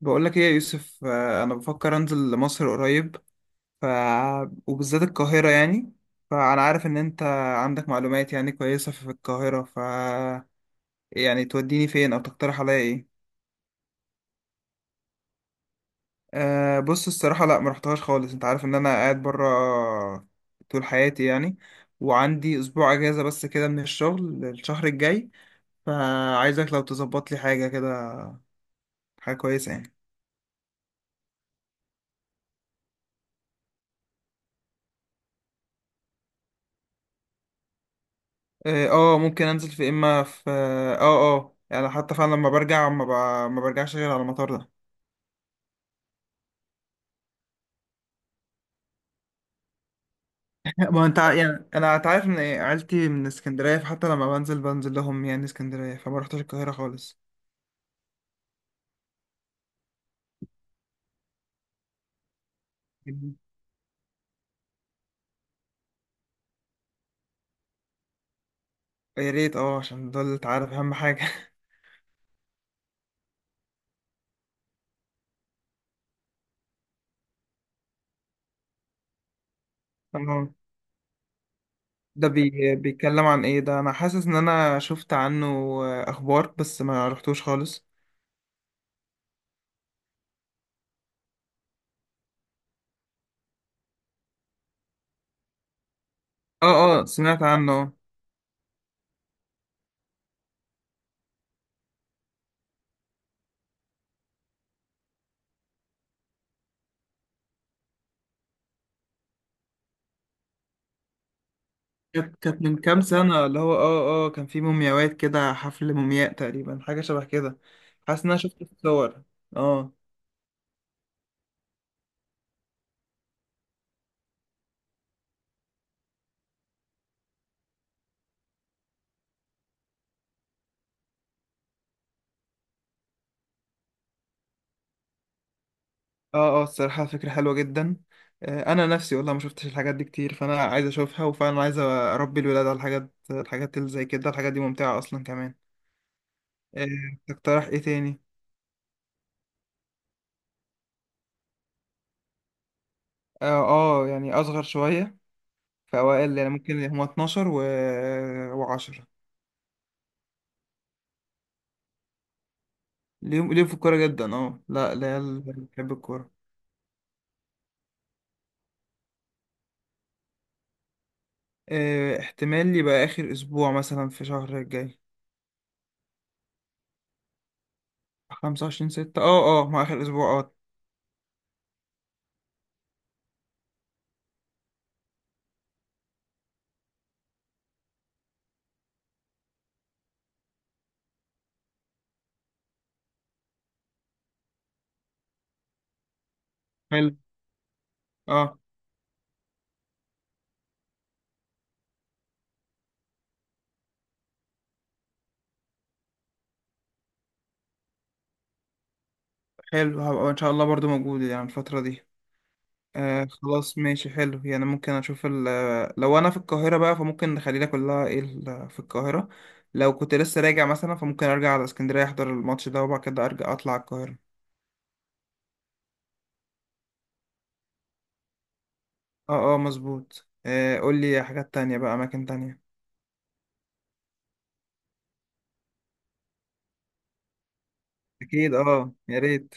بقول لك ايه يا يوسف، انا بفكر انزل لمصر قريب. ف... وبالذات القاهرة يعني، فانا عارف ان انت عندك معلومات يعني كويسة في القاهرة، ف يعني توديني فين او تقترح عليا ايه؟ بص الصراحة، لا ما رحتهاش خالص، انت عارف ان انا قاعد برا طول حياتي يعني، وعندي اسبوع اجازة بس كده من الشغل الشهر الجاي، فعايزك لو تظبط لي حاجة كده، حاجة كويسة يعني. ممكن انزل في اما في اه اه آه، يعني حتى فعلا لما برجع ما برجعش غير على المطار ده. ما انت ع- يعني انا انت عارف ان عيلتي من اسكندريه، فحتى لما بنزل لهم يعني اسكندريه، فما رحتش القاهره خالص. جميل. يا ريت، عشان دول انت عارف اهم حاجه تمام. بيتكلم عن ايه ده؟ انا حاسس ان انا شفت عنه اخبار، بس ما رحتوش خالص. اه سمعت عنه. كانت من كام سنة، اللي هو كان في مومياوات كده، حفل مومياء تقريبا، حاجة شبه كده. حاسس ان انا شفت الصور. اه اه. الصراحة فكرة حلوة جدا. انا نفسي والله ما شفتش الحاجات دي كتير، فانا عايز اشوفها، وفعلا عايز اربي الولاد على الحاجات اللي زي كده، الحاجات دي ممتعة اصلا كمان. آه، تقترح ايه تاني؟ اه اه يعني اصغر شوية، في اوائل يعني ممكن هما 12 و10. ليهم في الكورة جدا. اه، لا العيال بتحب الكورة. احتمال يبقى آخر أسبوع مثلا في شهر الجاي. 25/6، ما آخر أسبوع اه. حلو. اه حلو، هبقى إن شاء الله برضو موجود يعني الفترة دي. خلاص ماشي، حلو يعني ممكن أشوف ال آه، لو أنا في القاهرة بقى فممكن نخلينا كلها في القاهرة. لو كنت لسه راجع مثلا فممكن أرجع على اسكندرية، أحضر الماتش ده، وبعد كده أرجع أطلع على القاهرة. اه مظبوط. قول لي حاجات تانية بقى، أماكن تانية. أكيد، اه، يا ريت.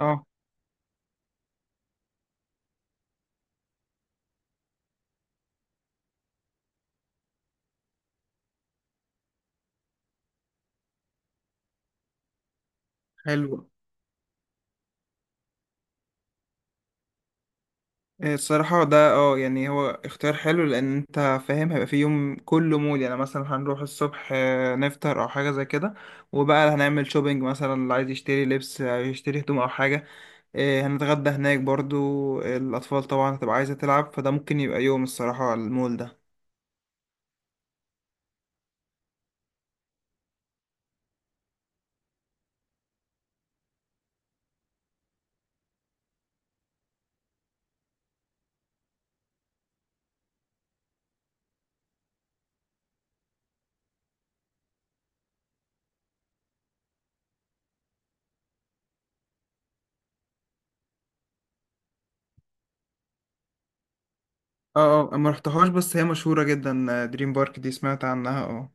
اه، حلو. إيه الصراحة ده، يعني هو اختيار حلو، لأن أنت فاهم هيبقى في يوم كله مول يعني. مثلا هنروح الصبح نفطر أو حاجة زي كده، وبقى هنعمل شوبينج، مثلا اللي عايز يشتري لبس أو يشتري هدوم أو حاجة. إيه، هنتغدى هناك برضو. الأطفال طبعا هتبقى عايزة تلعب، فده ممكن يبقى يوم الصراحة المول ده. اه أنا مرحتهاش، بس هي مشهورة جدا دريم بارك دي، سمعت عنها اه.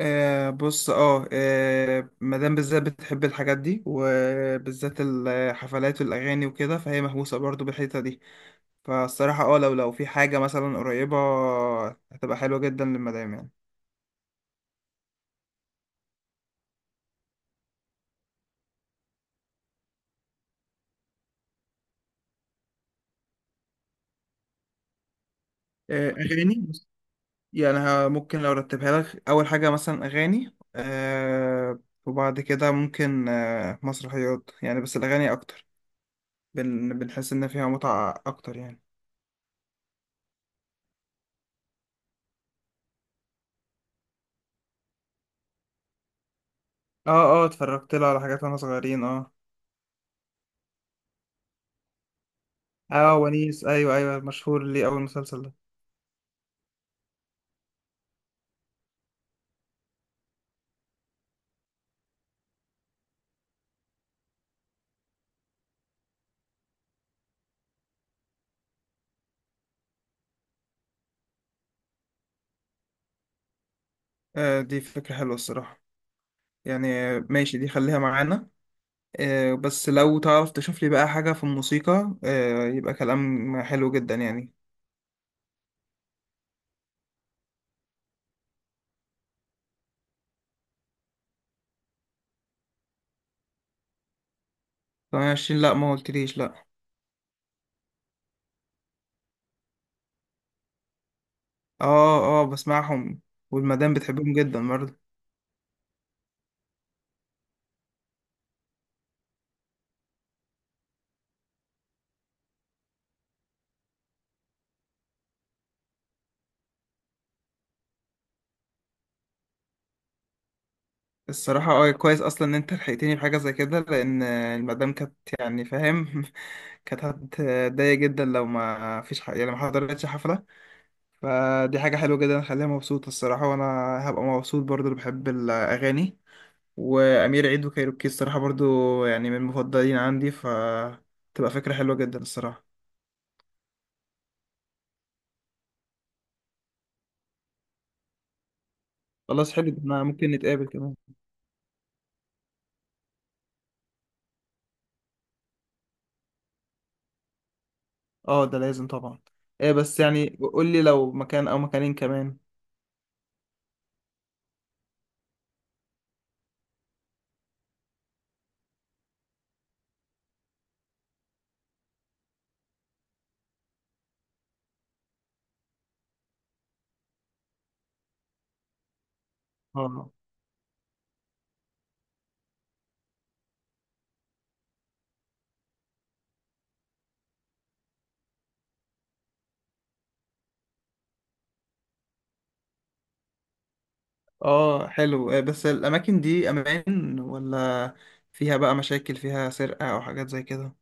آه بص اه آه، مدام بالذات بتحب الحاجات دي، وبالذات الحفلات والاغاني وكده، فهي مهووسه برضو بالحته دي. فالصراحه لو في حاجه مثلا قريبه، هتبقى حلوه جدا للمدام يعني. اغاني، بص. يعني ممكن لو رتبها لك اول حاجه مثلا اغاني، وبعد كده ممكن مسرحيات يعني، بس الاغاني اكتر، بنحس ان فيها متعه اكتر يعني. اه اه اتفرجت لها على حاجات وانا صغيرين اه. اه، ونيس، ايوه ايوه مشهور ليه، اول مسلسل ده. دي فكرة حلوة الصراحة يعني. ماشي، دي خليها معانا. بس لو تعرف تشوف لي بقى حاجة في الموسيقى، يبقى كلام حلو جدا يعني. طب 20، لا ما قلتليش لا. اه بسمعهم، والمدام بتحبهم جدا برضه. الصراحة كويس اصلا ان انت لحقتني بحاجة زي كده، لان المدام كانت، يعني فاهم كانت هتضايق جدا لو ما فيش ح... يعني ما حضرتش حفلة، فدي حاجة حلوة جدا خليها مبسوطة الصراحة، وأنا هبقى مبسوط برضو، اللي بحب الأغاني وأمير عيد وكايروكي، الصراحة برضو يعني من المفضلين عندي، فتبقى فكرة حلوة جدا الصراحة. خلاص، حلو ده، احنا ممكن نتقابل كمان. اه، ده لازم طبعا. ايه، بس يعني قول لي لو مكان أو مكانين كمان. اه اه حلو. إيه بس الأماكن دي أمان ولا فيها بقى مشاكل، فيها سرقة أو حاجات زي كده؟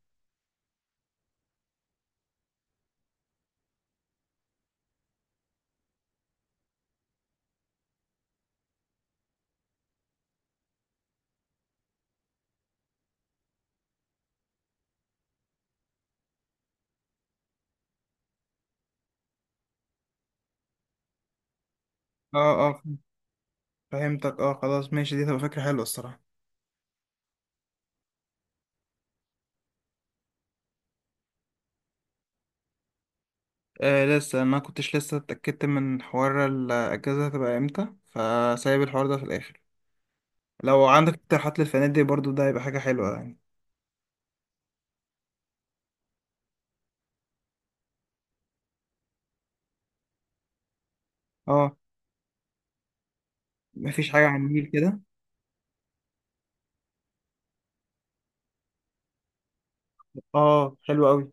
اه اه فهمتك، اه، خلاص ماشي، دي تبقى فكرة حلوة الصراحة. لسه ما كنتش لسه اتأكدت من حوار الأجازة هتبقى امتى، فسايب الحوار ده في الآخر. لو عندك اقتراحات للفنادق برضو ده هيبقى حاجة حلوة يعني. اه، مفيش حاجة على النيل كده؟ اه، حلو أوي.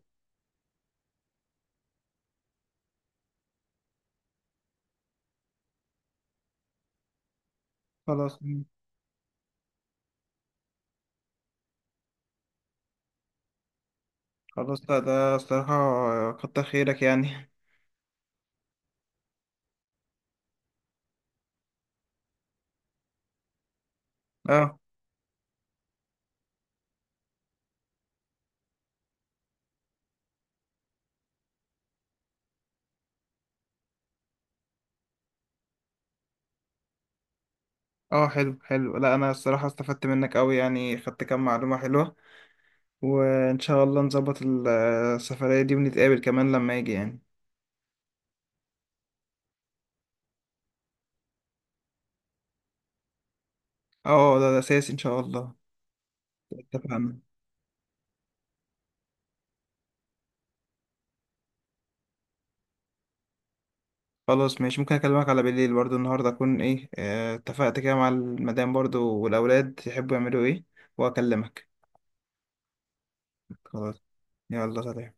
خلاص. مم. خلاص، لا ده الصراحة، كتر خيرك يعني. اه اه حلو حلو، لا أنا الصراحة استفدت منك أوي يعني، خدت كام معلومة حلوة، وإن شاء الله نظبط السفرية دي، ونتقابل كمان لما يجي يعني. اه ده أساسي إن شاء الله. اتفقنا. خلاص ماشي، ممكن اكلمك على بالليل برضو النهارده، اكون ايه آه، اتفقت كده مع المدام برضو، والاولاد يحبوا يعملوا ايه، واكلمك. خلاص، يلا سلام.